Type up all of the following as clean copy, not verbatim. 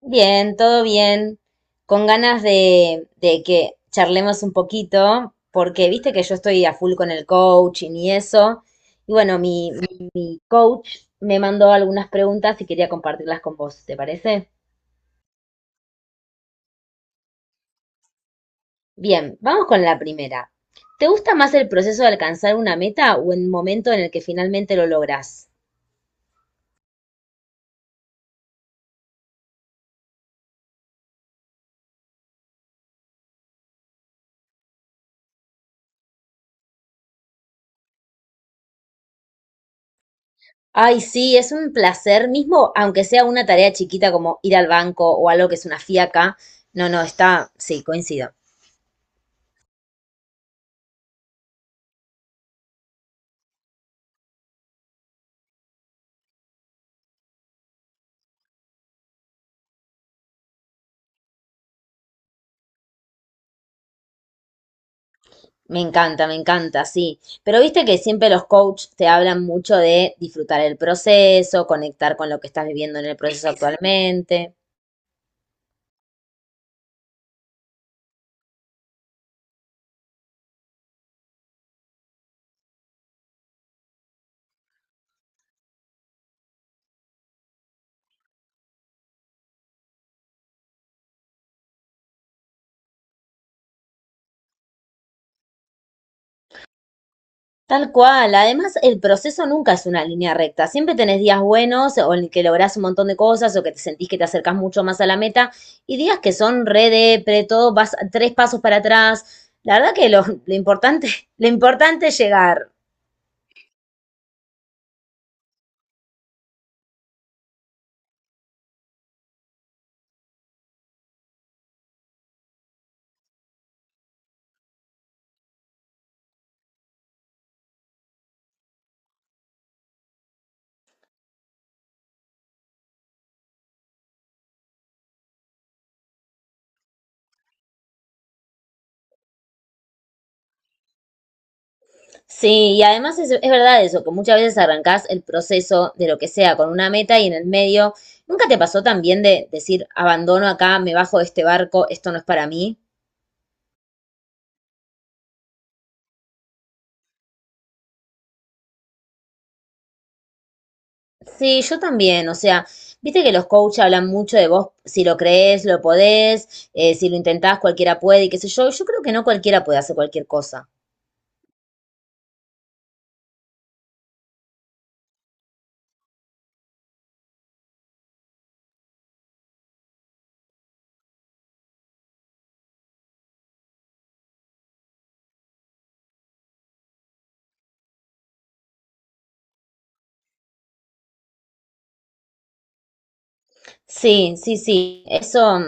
Bien, todo bien. Con ganas de que charlemos un poquito, porque viste que yo estoy a full con el coaching y eso. Y bueno, mi coach me mandó algunas preguntas y quería compartirlas con vos, ¿te parece? Bien, vamos con la primera. ¿Te gusta más el proceso de alcanzar una meta o el momento en el que finalmente lo lográs? Ay, sí, es un placer, mismo aunque sea una tarea chiquita como ir al banco o algo que es una fiaca. No, no, está, sí, coincido. Me encanta, sí. Pero viste que siempre los coaches te hablan mucho de disfrutar el proceso, conectar con lo que estás viviendo en el proceso actualmente. Tal cual. Además, el proceso nunca es una línea recta. Siempre tenés días buenos o en que lográs un montón de cosas o que te sentís que te acercás mucho más a la meta y días que son re depre, todo vas tres pasos para atrás. La verdad que lo importante, lo importante es llegar. Sí, y además es verdad eso, que muchas veces arrancás el proceso de lo que sea con una meta y en el medio, ¿nunca te pasó también de decir, abandono acá, me bajo de este barco, esto no es para mí? Sí, yo también, o sea, viste que los coaches hablan mucho de vos, si lo crees, lo podés, si lo intentás, cualquiera puede y qué sé yo, yo creo que no cualquiera puede hacer cualquier cosa. Sí, sí, sí, eso,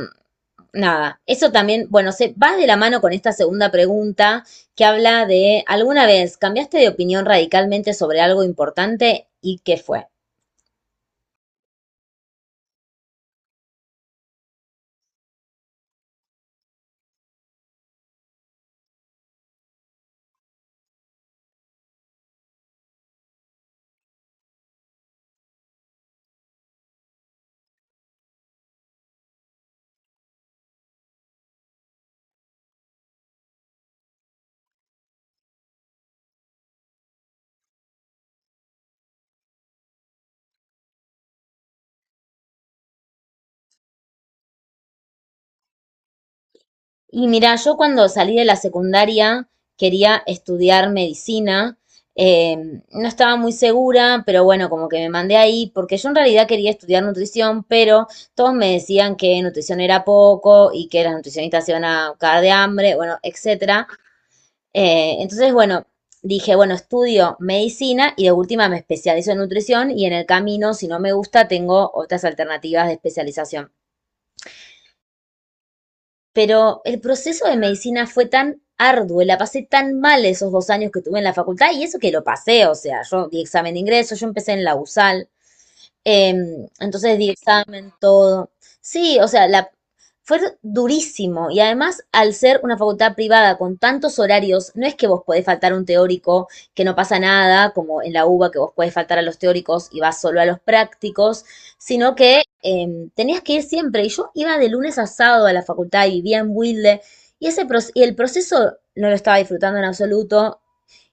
nada, eso también, bueno, se va de la mano con esta segunda pregunta que habla de, ¿alguna vez cambiaste de opinión radicalmente sobre algo importante y qué fue? Y mira, yo cuando salí de la secundaria quería estudiar medicina. eh, no estaba muy segura, pero bueno, como que me mandé ahí, porque yo en realidad quería estudiar nutrición, pero todos me decían que nutrición era poco y que las nutricionistas se iban a cagar de hambre, bueno, etcétera. Entonces, bueno, dije, bueno, estudio medicina y de última me especializo en nutrición y en el camino, si no me gusta, tengo otras alternativas de especialización. Pero el proceso de medicina fue tan arduo, la pasé tan mal esos dos años que tuve en la facultad y eso que lo pasé, o sea, yo di examen de ingreso, yo empecé en la USAL. Entonces di examen, todo. Sí, o sea, fue durísimo. Y además, al ser una facultad privada con tantos horarios, no es que vos podés faltar un teórico, que no pasa nada, como en la UBA, que vos podés faltar a los teóricos y vas solo a los prácticos, sino que tenías que ir siempre. Y yo iba de lunes a sábado a la facultad y vivía en Wilde. Y el proceso no lo estaba disfrutando en absoluto.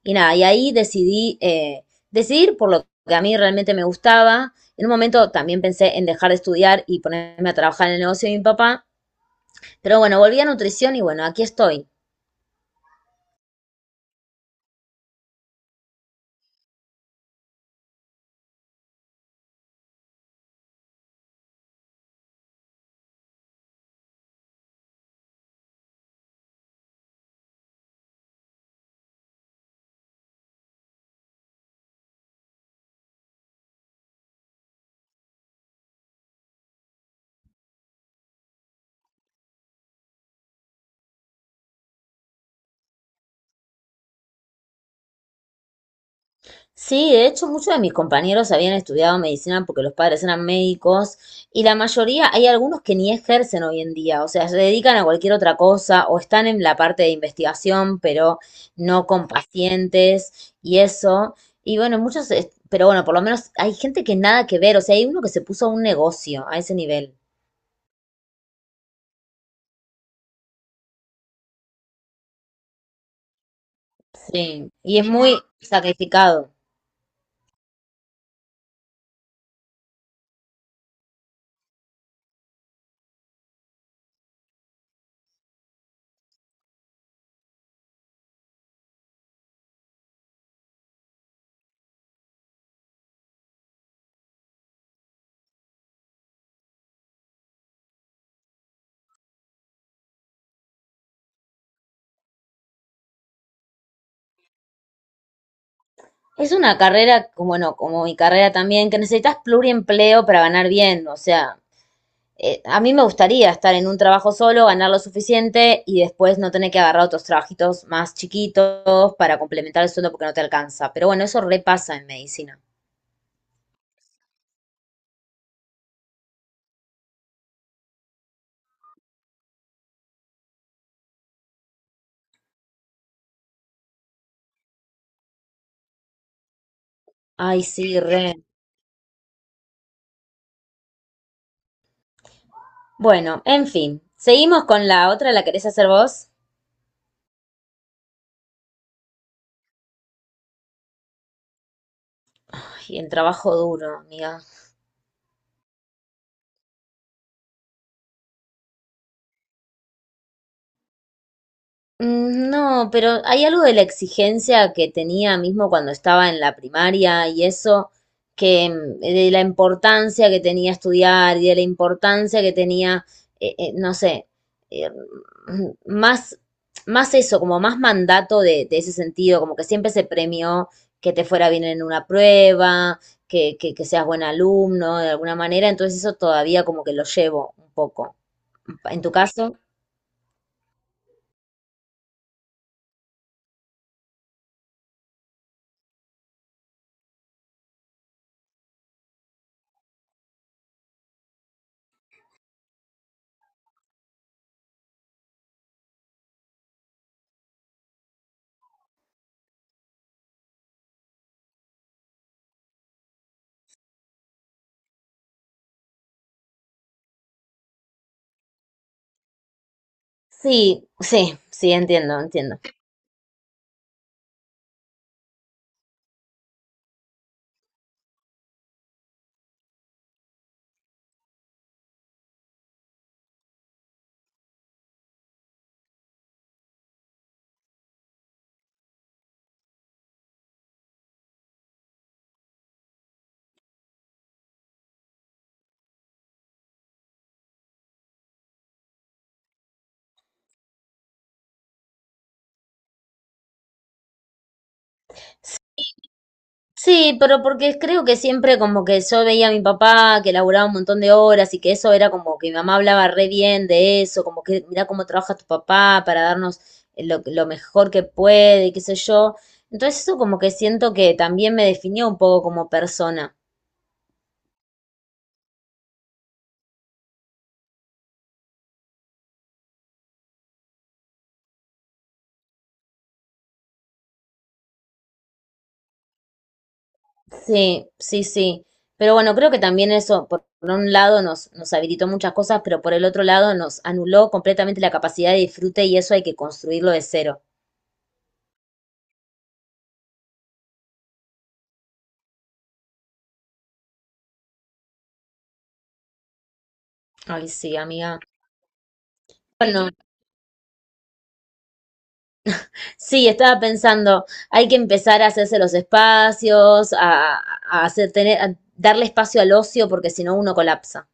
Y nada, y ahí decidí decidir por lo que a mí realmente me gustaba. En un momento también pensé en dejar de estudiar y ponerme a trabajar en el negocio de mi papá. Pero bueno, volví a nutrición y bueno, aquí estoy. Sí, de hecho muchos de mis compañeros habían estudiado medicina porque los padres eran médicos y la mayoría, hay algunos que ni ejercen hoy en día, o sea, se dedican a cualquier otra cosa o están en la parte de investigación, pero no con pacientes y eso. Y bueno, muchos, pero bueno, por lo menos hay gente que nada que ver, o sea, hay uno que se puso a un negocio a ese nivel. Sí, y es muy sacrificado. Es una carrera, como- bueno, como mi carrera también, que necesitas pluriempleo para ganar bien, o sea, a mí me gustaría estar en un trabajo solo, ganar lo suficiente y después no tener que agarrar otros trabajitos más chiquitos para complementar el sueldo porque no te alcanza. Pero bueno, eso repasa en medicina. Ay, sí, re. Bueno, en fin. Seguimos con la otra, ¿la querés hacer vos? Ay, el trabajo duro, amiga. Mm, no, pero hay algo de la exigencia que tenía mismo cuando estaba en la primaria y eso, que de la importancia que tenía estudiar y de la importancia que tenía, no sé, eh, mm, más, más eso, como más mandato de ese sentido, como que siempre se premió que te fuera bien en una prueba, que seas buen alumno de alguna manera, entonces eso todavía como que lo llevo un poco. ¿En tu caso? Sí, sí, sí, entiendo, entiendo. Sí, pero porque creo que siempre como que yo veía a mi papá que laburaba un montón de horas y que eso era como que mi mamá hablaba re bien de eso, como que mira cómo trabaja tu papá para darnos lo mejor que puede, y qué sé yo. Entonces eso como que siento que también me definió un poco como persona. Sí, sí, sí. Pero bueno, creo que también eso, por un lado, nos habilitó muchas cosas, pero por el otro lado nos anuló completamente la capacidad de disfrute y eso hay que construirlo de cero. Ay, sí, amiga. Bueno, sí, estaba pensando, hay que empezar a hacerse los espacios, a hacer, tener, a darle espacio al ocio, porque si no uno colapsa.